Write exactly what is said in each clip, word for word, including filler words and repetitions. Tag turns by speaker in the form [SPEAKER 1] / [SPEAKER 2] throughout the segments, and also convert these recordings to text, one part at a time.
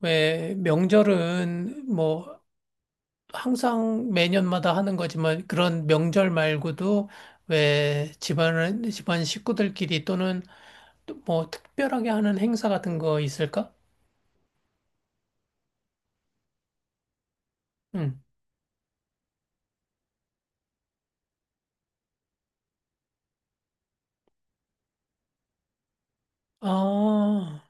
[SPEAKER 1] 왜 명절은 뭐 항상 매년마다 하는 거지만 그런 명절 말고도 왜 집안은 집안 식구들끼리 또는 또뭐 특별하게 하는 행사 같은 거 있을까? 응. 아,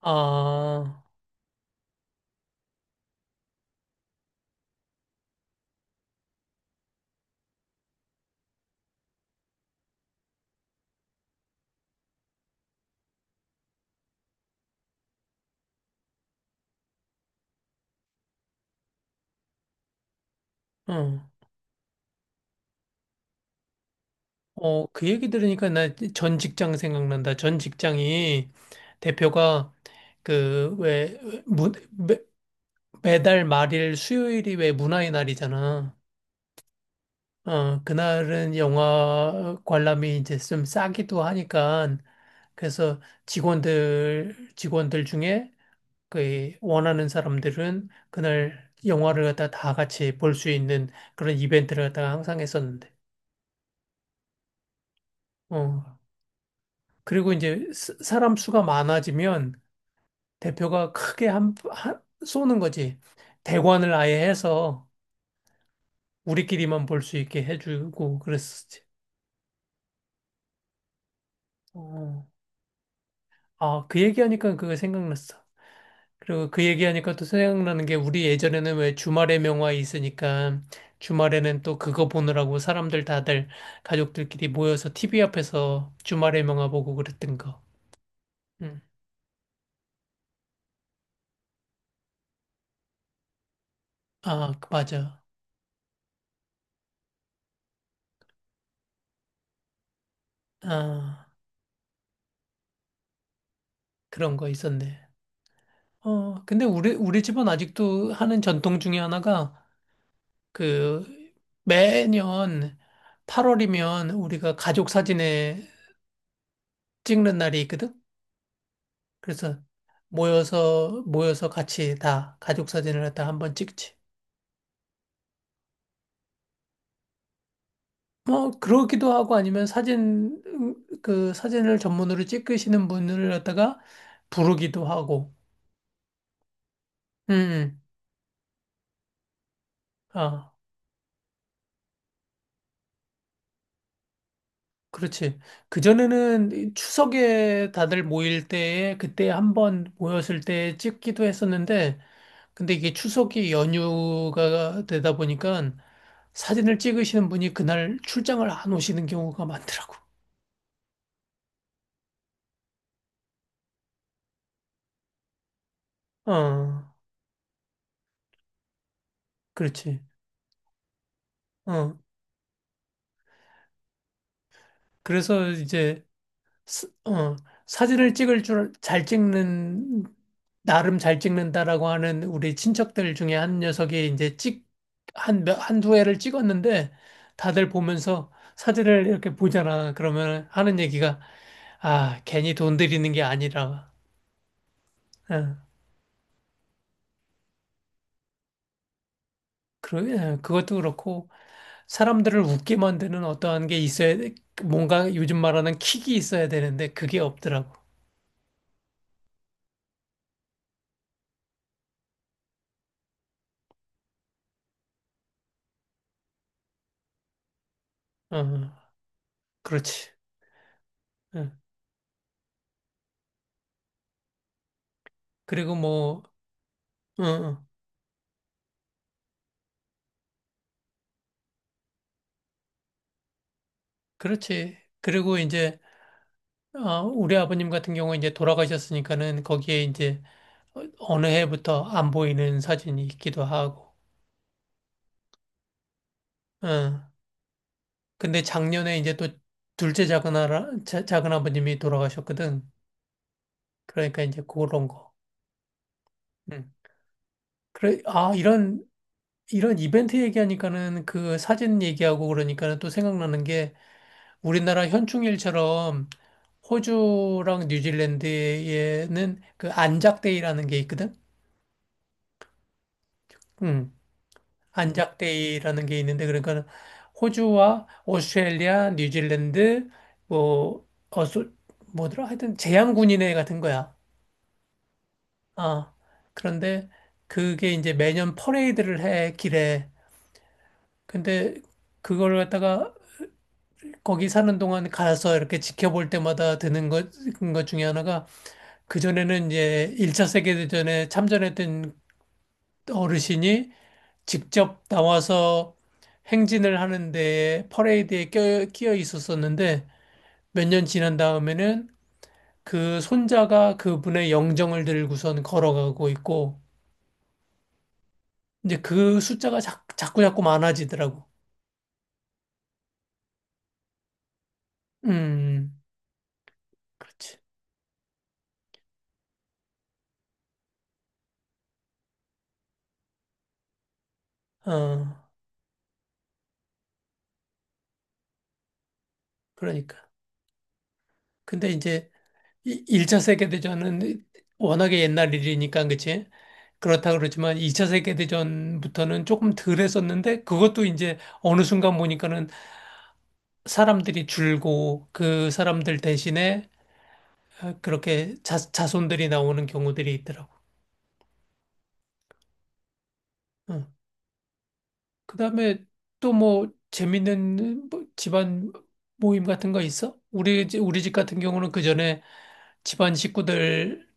[SPEAKER 1] 아, 응. 어, 그 얘기 들으니까 나 전 직장 생각난다. 전 직장이 대표가 그 왜 문 매, 매달 말일 수요일이 왜 문화의 날이잖아. 어, 그날은 영화 관람이 이제 좀 싸기도 하니까 그래서 직원들 직원들 중에 그 원하는 사람들은 그날 영화를 갖다 다 같이 볼 수 있는 그런 이벤트를 갖다가 항상 했었는데. 어, 그리고 이제 스- 사람 수가 많아지면 대표가 크게 한, 한 쏘는 거지. 대관을 아예 해서 우리끼리만 볼 수 있게 해주고 그랬었지. 어. 아, 그 얘기하니까 그거 생각났어. 그리고 그 얘기하니까 또 생각나는 게 우리 예전에는 왜 주말의 명화에 있으니까 주말에는 또 그거 보느라고 사람들 다들 가족들끼리 모여서 티비 앞에서 주말의 명화 보고 그랬던 거. 음. 아, 그- 맞아. 아, 그런 거 있었네. 어, 근데 우리, 우리 집은 아직도 하는 전통 중에 하나가 그 매년 팔 월이면 우리가 가족 사진에 찍는 날이 있거든? 그래서 모여서 모여서 같이 다 가족 사진을 갖다 한번 찍지. 뭐 그러기도 하고 아니면 사진 음, 그 사진을 전문으로 찍으시는 분을 갖다가 부르기도 하고. 음. 음. 아, 그렇지. 그전에는 이 추석에 다들 모일 때에 그때 한번 모였을 때 찍기도 했었는데 근데 이게 추석이 연휴가 되다 보니까 사진을 찍으시는 분이 그날 출장을 안 오시는 경우가 많더라고. 어, 그렇지. 어, 그래서 이제, 스- 어, 사진을 찍을 줄 잘 찍는, 나름 잘 찍는다라고 하는 우리 친척들 중에 한 녀석이 이제 찍, 한, 몇, 한두 회를 찍었는데 다들 보면서 사진을 이렇게 보잖아. 그러면 하는 얘기가, 아, 괜히 돈 들이는 게 아니라, 어, 그, 어, 그것도 그렇고 사람들을 웃게 만드는 어떠한 게 있어야, 돼. 뭔가 요즘 말하는 킥이 있어야 되는데 그게 없더라고. 어, 그렇지. 예. 그리고 뭐, 응, 그렇지. 그리고 이제, 어, 우리 아버님 같은 경우 이제 돌아가셨으니까는 거기에 이제 어- 어느 해부터 안 보이는 사진이 있기도 하고, 어. 근데 작년에 이제 또 둘째 작은 아라, 자- 작은 아버님이 돌아가셨거든. 그러니까 이제 그런 거. 응. 그래, 아, 이런, 이런 이벤트 얘기하니까는 그 사진 얘기하고 그러니까는 또 생각나는 우리나라 현충일처럼 호주랑 뉴질랜드에는 그 안작데이라는 게 있거든. 음, 안작데이라는 게 있는데 그러니까 호주와 오스트레일리아, 뉴질랜드 뭐 어소 뭐더라 하여튼 제향군인회 같은 거야. 아 그런데 그게 이제 매년 퍼레이드를 해 길에. 근데 그걸 갖다가 거기 사는 동안 가서 이렇게 지켜볼 때마다 드는 것, 것 중에 하나가 그전에는 이제 일 차 세계대전에 참전했던 어르신이 직접 나와서 행진을 하는데 퍼레이드에 껴, 끼어 있었었는데 몇 년 지난 다음에는 그 손자가 그분의 영정을 들고선 걸어가고 있고 이제 그 숫자가 자, 자꾸 자꾸 많아지더라고. 음, 그렇지. 어, 그러니까. 근데 이제 이- 일 차 세계대전은 워낙에 옛날 일이니까 그치? 그렇다 그러지만 이 차 세계대전부터는 조금 덜 했었는데 그것도 이제 어느 순간 보니까는 사람들이 줄고 그 사람들 대신에 어, 그렇게 자, 자손들이 나오는 경우들이 있더라고. 응. 그다음에 또 뭐 재밌는 뭐 집안 모임 같은 거 있어? 우리 집- 우리 집 같은 경우는 그 전에 집안 식구들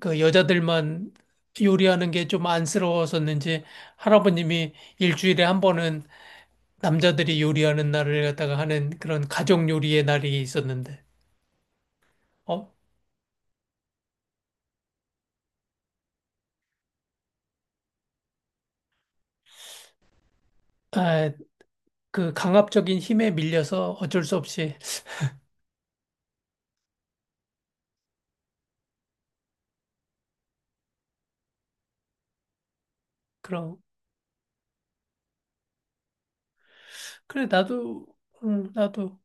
[SPEAKER 1] 그 여자들만 요리하는 게 좀 안쓰러웠었는지 할아버님이 일주일에 한 번은 남자들이 요리하는 날을 갖다가 하는 그런 가족 요리의 날이 있었는데, 어, 아, 그 강압적인 힘에 밀려서 어쩔 수 없이 그런 그래 나도 음, 나도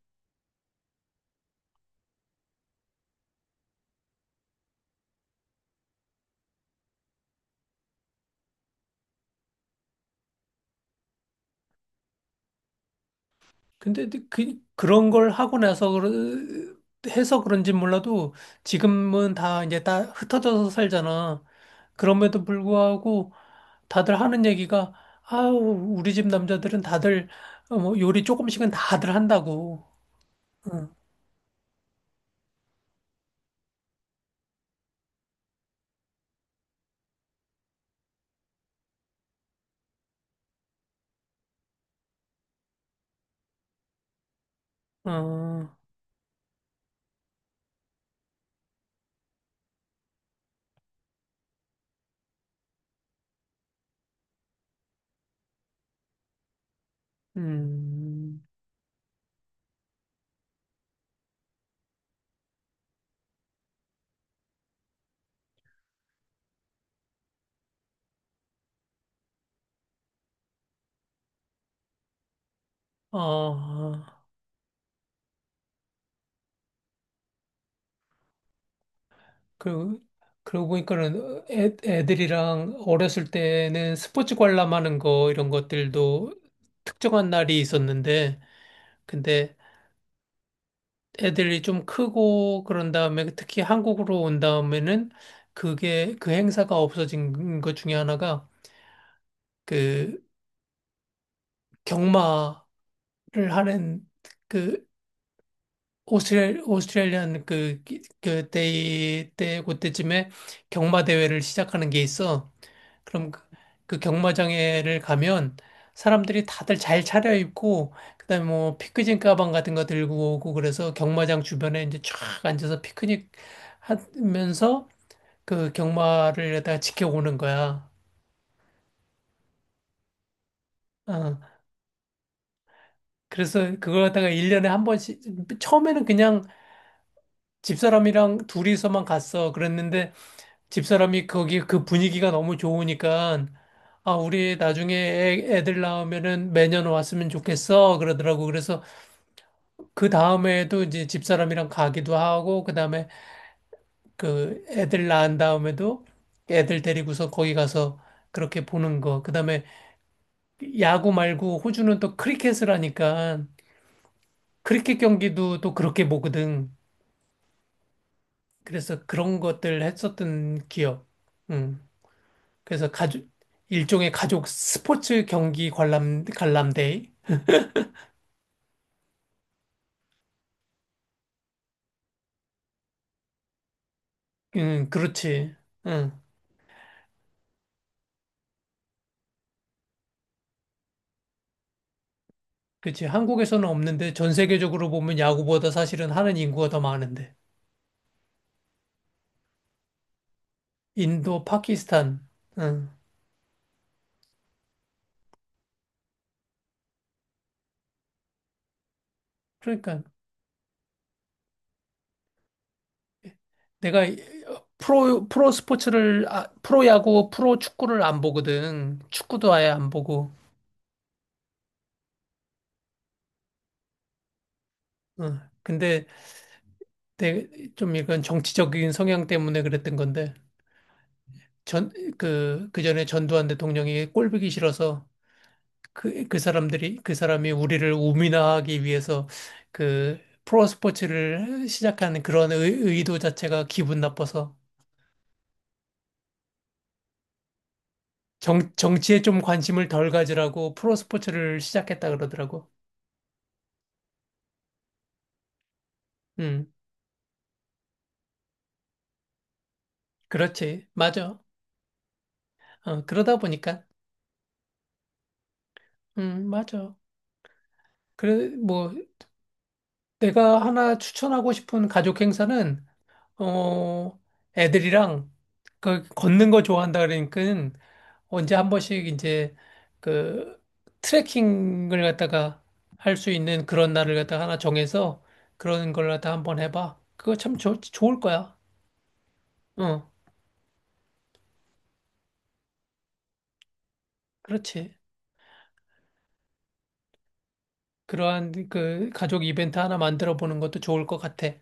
[SPEAKER 1] 근데 그 그런 걸 하고 나서 그러- 해서 그런지 몰라도 지금은 다 이제 다 흩어져서 살잖아. 그럼에도 불구하고 다들 하는 얘기가 아우 우리 집 남자들은 다들 어, 뭐 요리 조금씩은 다들 한다고. 어, 어, 음, 아, 그 그러고 보니까는 애, 애들이랑 어렸을 때는 스포츠 관람하는 거 이런 것들도 특정한 날이 있었는데 근데 애들이 좀 크고 그런 다음에 특히 한국으로 온 다음에는 그게 그 행사가 없어진 것 중에 하나가 그 경마 하는 그 오스트레일 오스트레일리안 그 그때 때 그때쯤에 경마 대회를 시작하는 게 있어. 그럼 그, 그 경마장에를 가면 사람들이 다들 잘 차려입고 그다음에 뭐 피크닉 가방 같은 거 들고 오고 그래서 경마장 주변에 이제 쫙 앉아서 피크닉 하면서 그 경마를 갖다가 지켜오는 거야. 어. 그래서 그걸 갖다가 일년에한 번씩 처음에는 그냥 집사람이랑 둘이서만 갔어. 그랬는데 집사람이 거기 그 분위기가 너무 좋으니까 아, 우리 나중에 애, 애들 낳으면은 매년 왔으면 좋겠어. 그러더라고. 그래서 그 다음에도 이제 집사람이랑 가기도 하고, 그 다음에 그 애들 낳은 다음에도 애들 데리고서 거기 가서 그렇게 보는 거. 그 다음에 야구 말고 호주는 또 크리켓을 하니까 크리켓 경기도 또 그렇게 보거든. 그래서 그런 것들 했었던 기억. 음. 그래서 가족, 일종의 가족 스포츠 경기 관람, 관람대회? 응, 그렇지. 응, 그렇지. 한국에서는 없는데 전 세계적으로 보면 야구보다 사실은 하는 인구가 더 많은데. 인도, 파키스탄. 응. 그러니까 내가 프로, 프로 스포츠를, 아, 프로 야구, 프로 축구를 안 보거든. 축구도 아예 안 보고. 응. 근데 내, 좀 이건 정치적인 성향 때문에 그랬던 건데. 전, 그, 그 전에 전두환 대통령이 꼴 보기 싫어서 그, 그 사람들이, 그 사람이 우리를 우민화하기 위해서 그 프로 스포츠를 시작한 그런 의, 도 자체가 기분 나빠서 정, 정치에 좀 관심을 덜 가지라고 프로 스포츠를 시작했다 그러더라고. 음, 그렇지. 맞아. 어, 그러다 보니까. 음, 맞아. 그래, 뭐, 내가 하나 추천하고 싶은 가족 행사는, 어, 애들이랑 그 걷는 거 좋아한다 그러니까 언제 한 번씩 이제 그 트레킹을 갖다가 할 수 있는 그런 날을 갖다가 하나 정해서 그런 걸 갖다 한번 해봐. 그거 참 좋 좋을 거야. 응, 그렇지. 그러한 그 가족 이벤트 하나 만들어 보는 것도 좋을 것 같아.